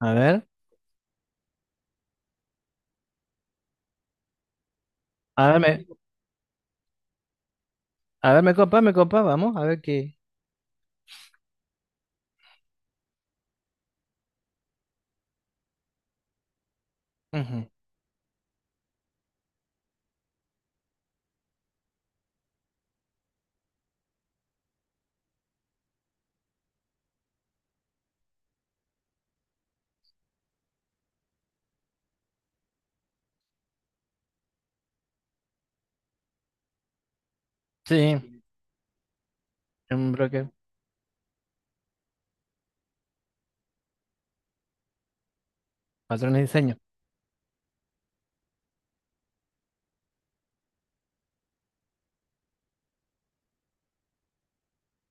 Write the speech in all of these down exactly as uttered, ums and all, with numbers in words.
A ver, a ver, me, a ver, me copa, me copa, vamos, a ver qué. Ujú. Sí, un broker, patrones de diseño.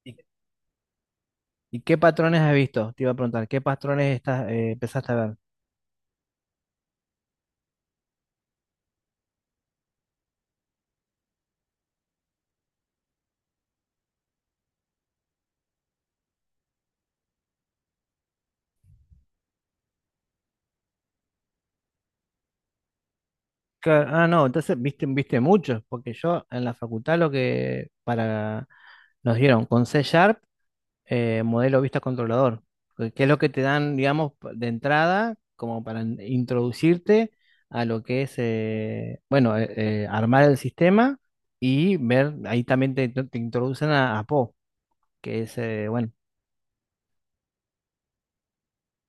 ¿Y, y qué patrones has visto? Te iba a preguntar, ¿qué patrones estás, eh, empezaste a ver? Claro, ah, no, entonces viste, viste muchos, porque yo en la facultad lo que para nos dieron con C Sharp, eh, modelo vista controlador, que que es lo que te dan, digamos, p- de entrada, como para in- introducirte a lo que es, eh, bueno, eh, eh, armar el sistema y ver, ahí también te, te introducen a, a Po, que es, eh, bueno,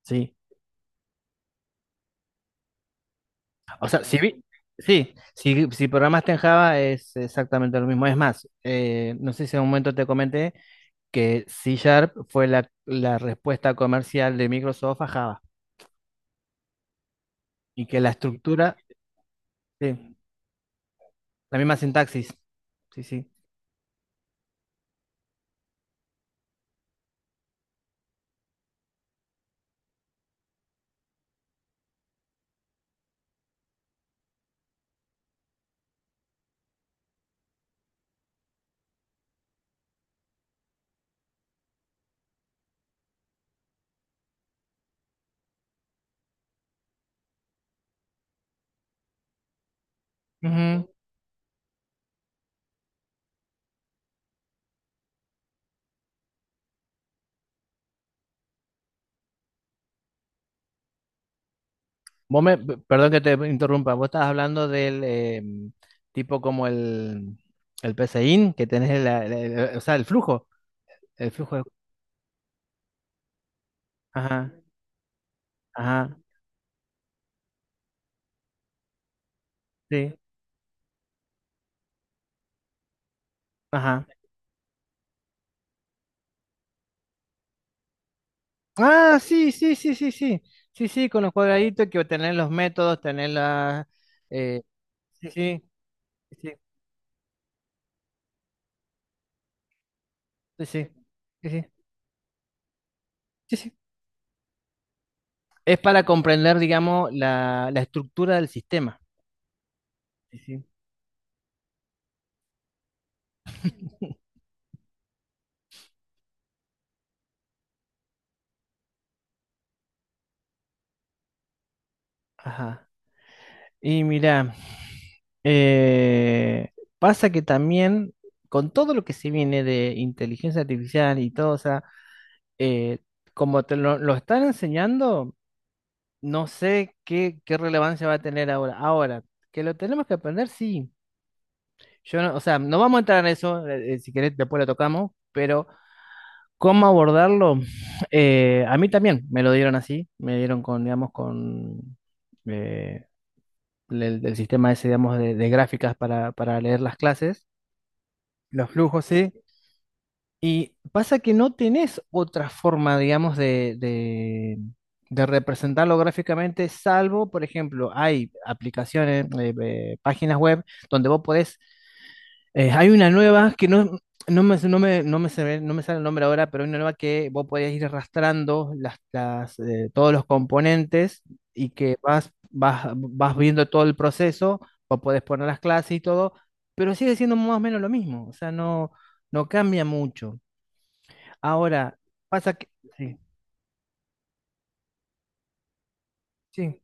sí. O sea, si vi- sí, si, si programaste en Java es exactamente lo mismo. Es más, eh, no sé si en un momento te comenté que C Sharp fue la, la respuesta comercial de Microsoft a Java y que la estructura... Sí. La misma sintaxis. Sí, sí. Ujú. Vos me, p- perdón que te interrumpa, vos estabas hablando del eh, tipo como el, el P C I N, que tenés el, el- el- o sea, el flujo, el flujo de... Ajá, ajá, sí, ajá. Ah, sí, sí, sí, sí, sí, sí, sí, con los cuadraditos que tenés los métodos, tenés la... eh, sí, sí, sí, sí, sí, sí, sí, sí, sí. Es para comprender, digamos, la, la estructura del sistema. Sí, sí. Ajá. Y mirá. Eh, pasa que también con todo lo que se viene de inteligencia artificial y todo, o sea, eh, como te lo, lo están enseñando, no sé qué, qué relevancia va a tener ahora. Ahora, que lo tenemos que aprender, sí. Yo no- o sea, no vamos a entrar en eso, eh, eh, si querés después lo tocamos, pero cómo abordarlo, eh, a mí también me lo dieron así, me dieron con, digamos, con eh, el, el sistema ese, digamos, de, de gráficas para para leer las clases. Los flujos, sí. Y pasa que no tenés otra forma, digamos, de, de, de representarlo gráficamente, salvo, por ejemplo, hay aplicaciones, eh, eh, páginas web donde vos podés, eh, hay una nueva que no, no me, no me, no me, se no me sale el nombre ahora, pero hay una nueva que vos podés ir arrastrando las, las, eh, todos los componentes y que vas, vas, vas viendo todo el proceso, vos podés poner las clases y todo, pero sigue siendo más o menos lo mismo, o sea, no, no cambia mucho. Ahora, pasa que... Sí, sí.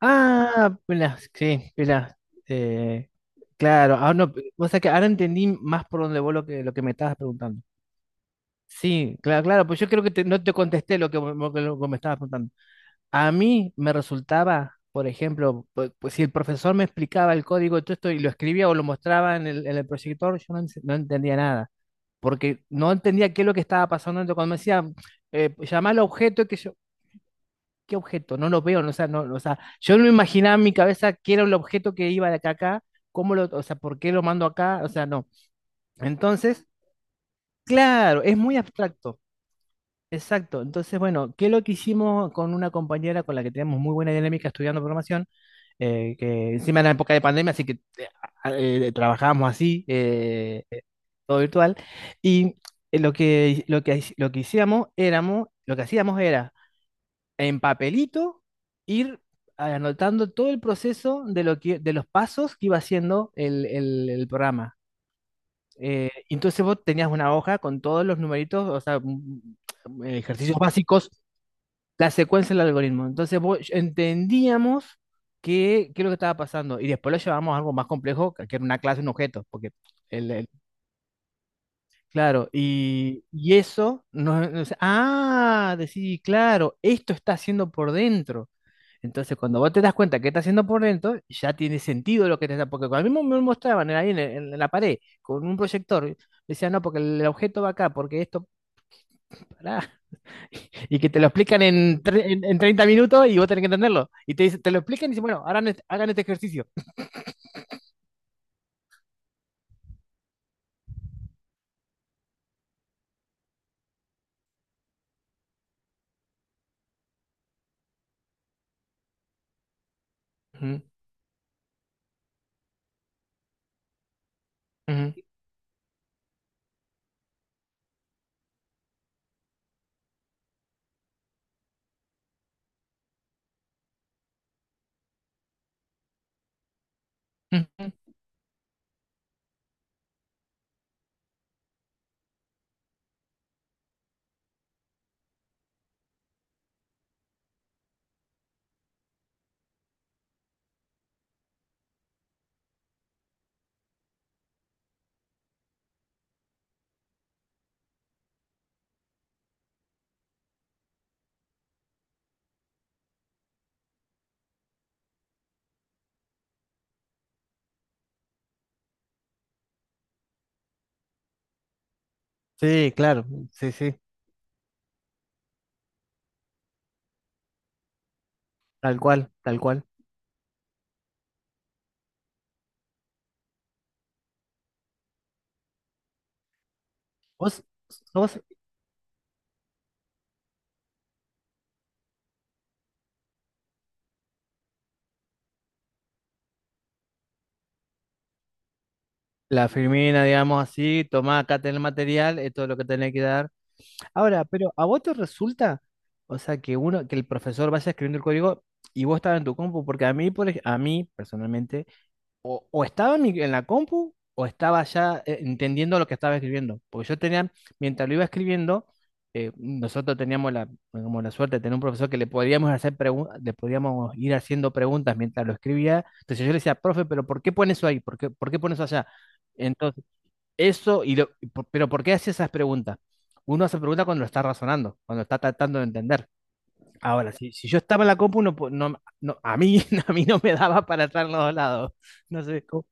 Ah, mirá, sí, mirá, eh, claro, ahora no, o sea que ahora entendí más por donde vos lo que, lo que me estabas preguntando. Sí, claro, claro, pues yo creo que te- no te contesté lo que, me- lo que lo que me estabas preguntando. A mí me resultaba, por ejemplo, pu- pues, si el profesor me explicaba el código de todo esto y lo escribía o lo mostraba en el, en el proyector, yo no, en- no entendía nada, porque no entendía qué es lo que estaba pasando cuando me decía, eh, pues, llamá al objeto, que yo, ¿qué objeto? No lo veo, no, o sea, no, no, o sea, yo no imaginaba en mi cabeza qué era el objeto que iba de acá a acá, cómo lo, o sea, por qué lo mando acá, o sea, no. Entonces, claro, es muy abstracto. Exacto. Entonces, bueno, ¿qué es lo que hicimos con una compañera con la que tenemos muy buena dinámica estudiando programación? Eh, que encima era época de pandemia, así que eh, a- eh, trabajábamos así, eh, todo virtual. Y eh, lo que, lo que, lo que hacíamos éramos, lo que hacíamos era en papelito ir anotando todo el proceso de lo que, de los pasos que iba haciendo el, el- el programa. Eh, entonces vos tenías una hoja con todos los numeritos, o sea, mm, mm, ejercicios básicos, la secuencia del algoritmo. Entonces vos- entendíamos qué, qué es lo que estaba pasando y después lo llevamos a algo más complejo, que que era una clase, un objeto, porque el, el- claro, y, y eso nos, nos- ah, decís, claro, esto está haciendo por dentro. Entonces cuando vos te das cuenta que está haciendo por dentro, ya tiene sentido lo que te está, porque cuando a mí me mostraban ahí en, en la pared con un proyector, decían, no, porque el objeto va acá, porque esto, pará. Y que te lo explican en, tre- en, en treinta minutos y vos tenés que entenderlo. Y te, dice- te lo explican y dicen, bueno, hagan este, hagan este ejercicio. Ujú, ujú, ujú. Sí, claro, sí, sí, tal cual, tal cual. Vos sos la Firmina, digamos así, tomá, acá tenés el material, esto es lo que tenés que dar. Ahora, pero ¿a vos te resulta, o sea, que uno, que el profesor vaya escribiendo el código y vos estás en tu compu? Porque a mí, por, ej- a mí, personalmente, o, o estaba en, mi- en la compu o estaba ya eh, entendiendo lo que estaba escribiendo. Porque yo tenía, mientras lo iba escribiendo, eh, nosotros teníamos la, como la suerte de tener un profesor que le podíamos hacer preguntas, le podíamos ir haciendo preguntas mientras lo escribía. Entonces yo le decía, profe, pero ¿por qué pone eso ahí? ¿Por qué, por qué pone eso allá? Entonces, eso, y lo- y por- pero ¿por qué hace esas preguntas? Uno hace preguntas cuando lo está razonando, cuando está tratando de entender. Ahora, si, si yo estaba en la compu, no, po- no, no, a mí, a mí no me daba para estar en los dos lados. No sé, cómo-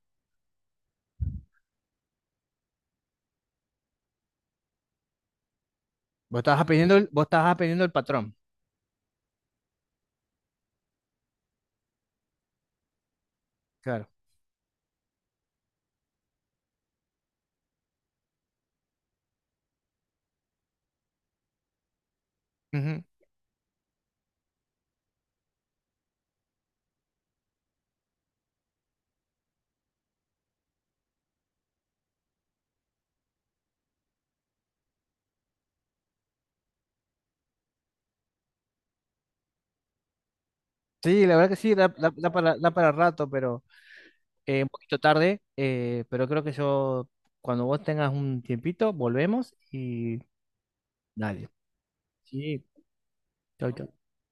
Vos estabas aprendiendo el, vos estabas aprendiendo el patrón. Claro. Ujú. Sí, la verdad que sí, da, da- da para, da para rato, pero eh, un poquito tarde. Eh, pero creo que yo, cuando vos tengas un tiempito, volvemos y dale. Sí, chau, chau.